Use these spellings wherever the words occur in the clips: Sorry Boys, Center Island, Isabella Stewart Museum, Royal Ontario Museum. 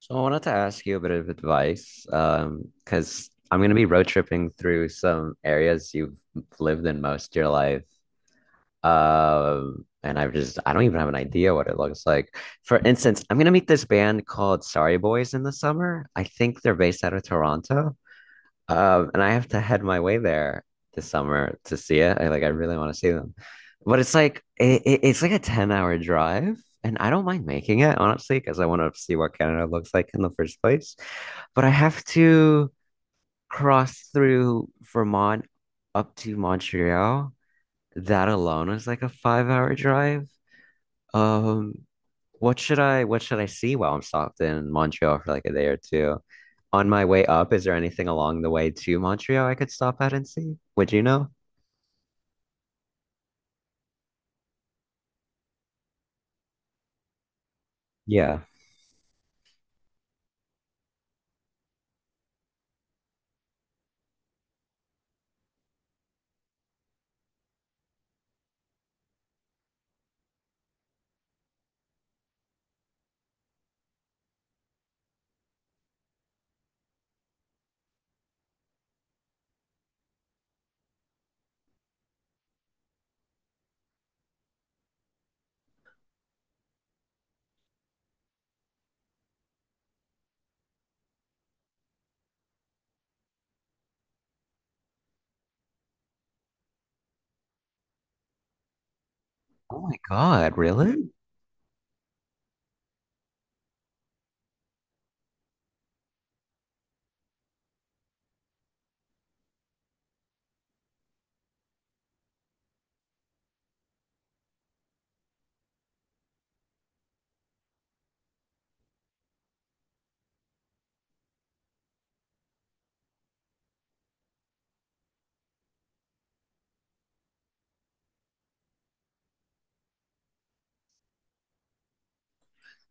So I wanted to ask you a bit of advice, because I'm going to be road tripping through some areas you've lived in most of your life. And I've I don't even have an idea what it looks like. For instance, I'm going to meet this band called Sorry Boys in the summer. I think they're based out of Toronto. And I have to head my way there this summer to see it. I I really want to see them. But it's it's like a 10-hour drive, and I don't mind making it, honestly, because I want to see what Canada looks like in the first place. But I have to cross through Vermont up to Montreal. That alone is like a 5 hour drive. Um, what should I see while I'm stopped in Montreal for like a day or two? On my way up, is there anything along the way to Montreal I could stop at and see? Would you know? Yeah. Oh my God, really?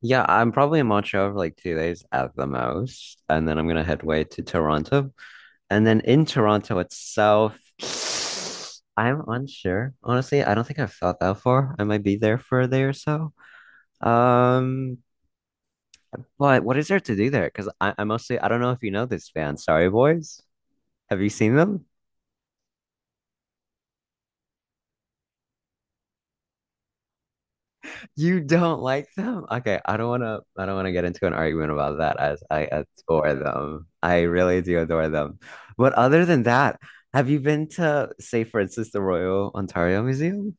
Yeah, I'm probably in Montreal for like 2 days at the most, and then I'm gonna head way to Toronto. And then in Toronto itself, I'm unsure. Honestly, I don't think I've thought that far. I might be there for a day or so. Um, But what is there to do there? Because I mostly, I don't know if you know this band, Sorry Boys. Have you seen them? You don't like them? Okay, I don't wanna get into an argument about that, as I adore them. I really do adore them. But other than that, have you been to, say, for instance, the Royal Ontario Museum?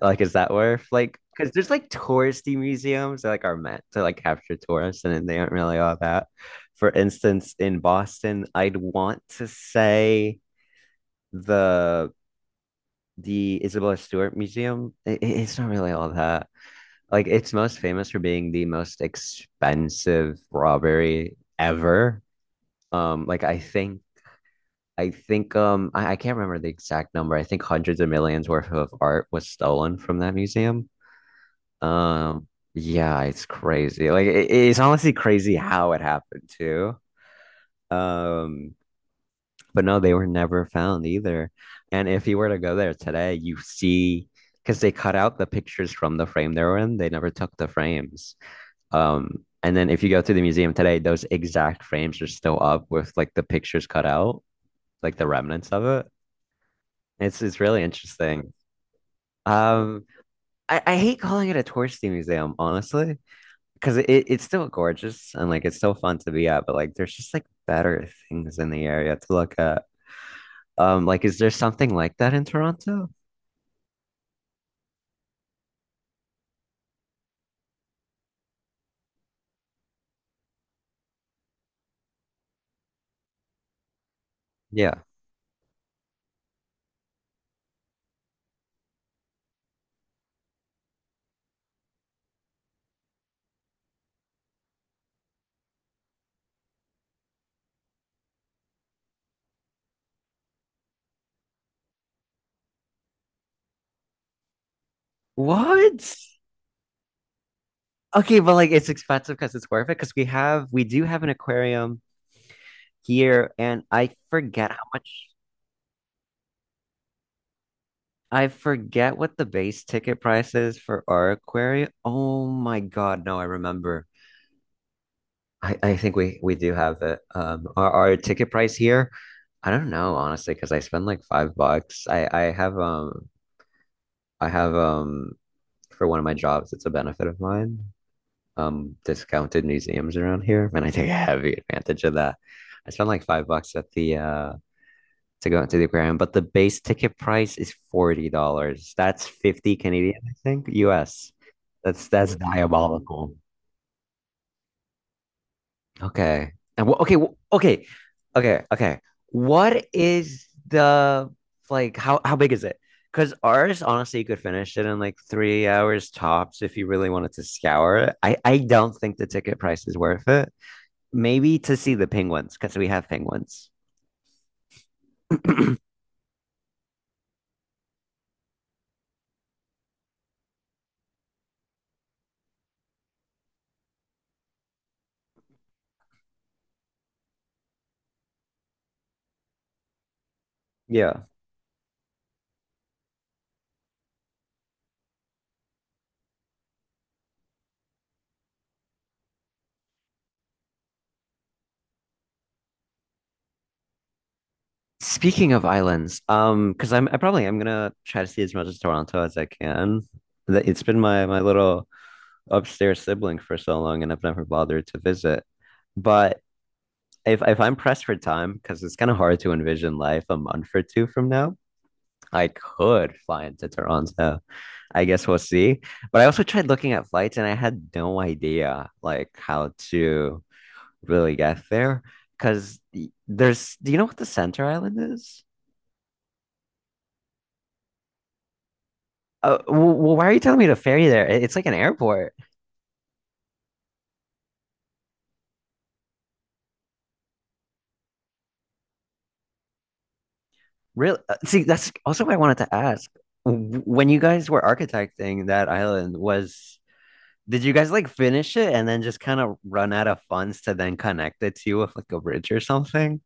Like, is that where like because there's like touristy museums that like are meant to like capture tourists and then they aren't really all that. For instance, in Boston, I'd want to say the the Isabella Stewart Museum, it's not really all that. Like, it's most famous for being the most expensive robbery ever. Um, like I think, I think, I can't remember the exact number. I think hundreds of millions worth of art was stolen from that museum. Um, yeah, it's crazy. Like, it's honestly crazy how it happened too. Um, But no, they were never found either. And if you were to go there today, you see, because they cut out the pictures from the frame they were in, they never took the frames. And then if you go to the museum today, those exact frames are still up with like the pictures cut out, like the remnants of it. It's really interesting. Um, I hate calling it a touristy museum, honestly, because it's still gorgeous and like it's still fun to be at, but like there's just like better things in the area to look at. Like, is there something like that in Toronto? Yeah. What? Okay, but like it's expensive because it's worth it, because we do have an aquarium here, and I forget how much. I forget what the base ticket price is for our aquarium. Oh my God, no, I remember. I think we do have it. Our ticket price here, I don't know honestly, because I spend like $5. I have, for one of my jobs, it's a benefit of mine: discounted museums around here, and I take heavy advantage of that. I spent like $5 at the to go into the aquarium, but the base ticket price is $40. That's 50 Canadian, I think, US. That's diabolical. Okay, and wh- okay, okay, Okay. What is the like? How big is it? Because ours, honestly, you could finish it in like 3 hours tops if you really wanted to scour it. I don't think the ticket price is worth it. Maybe to see the penguins, because we have penguins. Yeah. Speaking of islands, because I probably am gonna try to see as much as Toronto as I can. It's been my little upstairs sibling for so long, and I've never bothered to visit. But if I'm pressed for time, because it's kind of hard to envision life a month or two from now, I could fly into Toronto. I guess we'll see. But I also tried looking at flights, and I had no idea like how to really get there because there's. Do you know what the Center Island is? Well, why are you telling me to ferry there? It's like an airport. Really? See, that's also what I wanted to ask. When you guys were architecting that island, was did you guys like finish it and then just kind of run out of funds to then connect it to with like a bridge or something?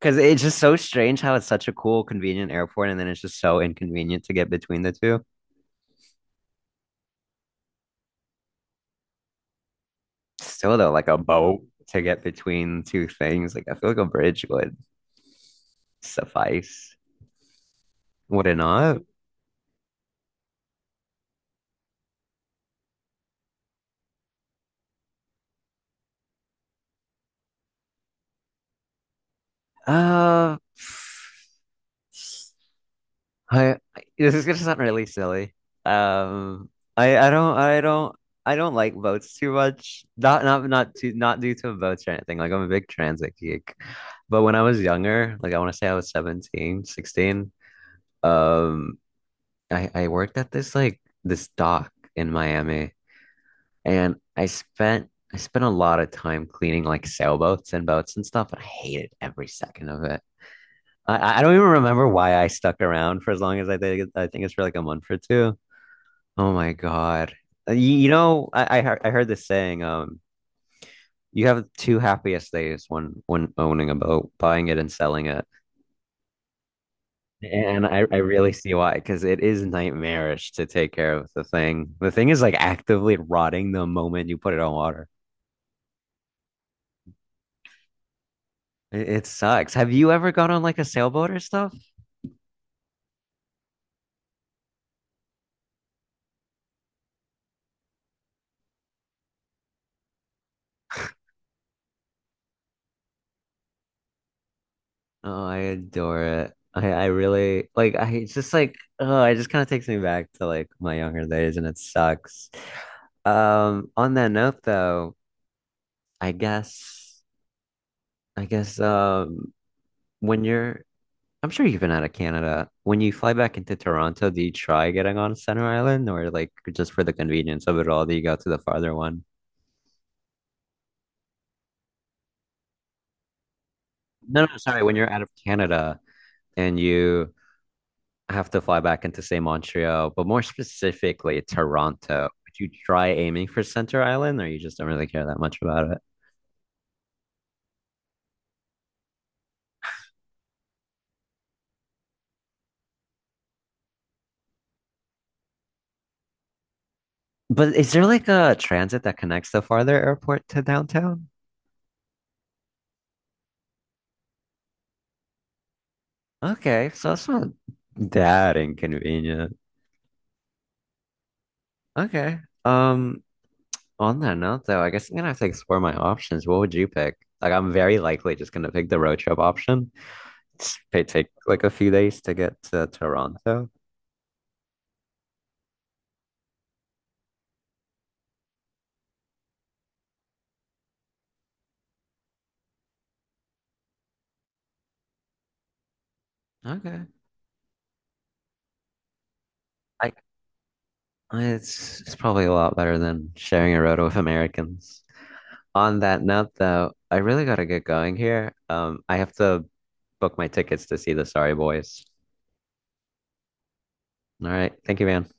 Because it's just so strange how it's such a cool, convenient airport, and then it's just so inconvenient to get between the two. Still though, like a boat to get between two things, like I feel like a bridge would suffice, would it not? Uh, I, I- this is gonna sound really silly. Um, I I don't I don't I don't like boats too much. Not due to boats or anything. Like, I'm a big transit geek. But when I was younger, like I want to say I was 17, 16. um, I worked at this dock in Miami, and I spent a lot of time cleaning like sailboats and boats and stuff, and I hated every second of it. I don't even remember why I stuck around for as long as I did. I think it's for like a month or two. Oh my God. You know, I heard this saying, you have two happiest days when owning a boat: buying it and selling it. And I really see why, because it is nightmarish to take care of the thing. The thing is like actively rotting the moment you put it on water. It sucks. Have you ever gone on like a sailboat or stuff? Oh, I adore it. I really like, I, it's just like, oh, it just kind of takes me back to like my younger days, and it sucks. On that note though, I guess I guess um when you're I'm sure you've been out of Canada. When you fly back into Toronto, do you try getting on Center Island, or like, just for the convenience of it all, do you go to the farther one? No, no, sorry, when you're out of Canada, and you I have to fly back into, say, Montreal, but more specifically, Toronto. Would you try aiming for Center Island, or you just don't really care that much about it? But is there like a transit that connects the farther airport to downtown? Okay, so that's not that inconvenient. Okay. Um, on that note though, I guess I'm gonna have to explore my options. What would you pick? Like, I'm very likely just gonna pick the road trip option. It take like a few days to get to Toronto. Okay. I it's probably a lot better than sharing a road with Americans. On that note though, I really gotta get going here. I have to book my tickets to see the Sorry Boys. All right, thank you, man.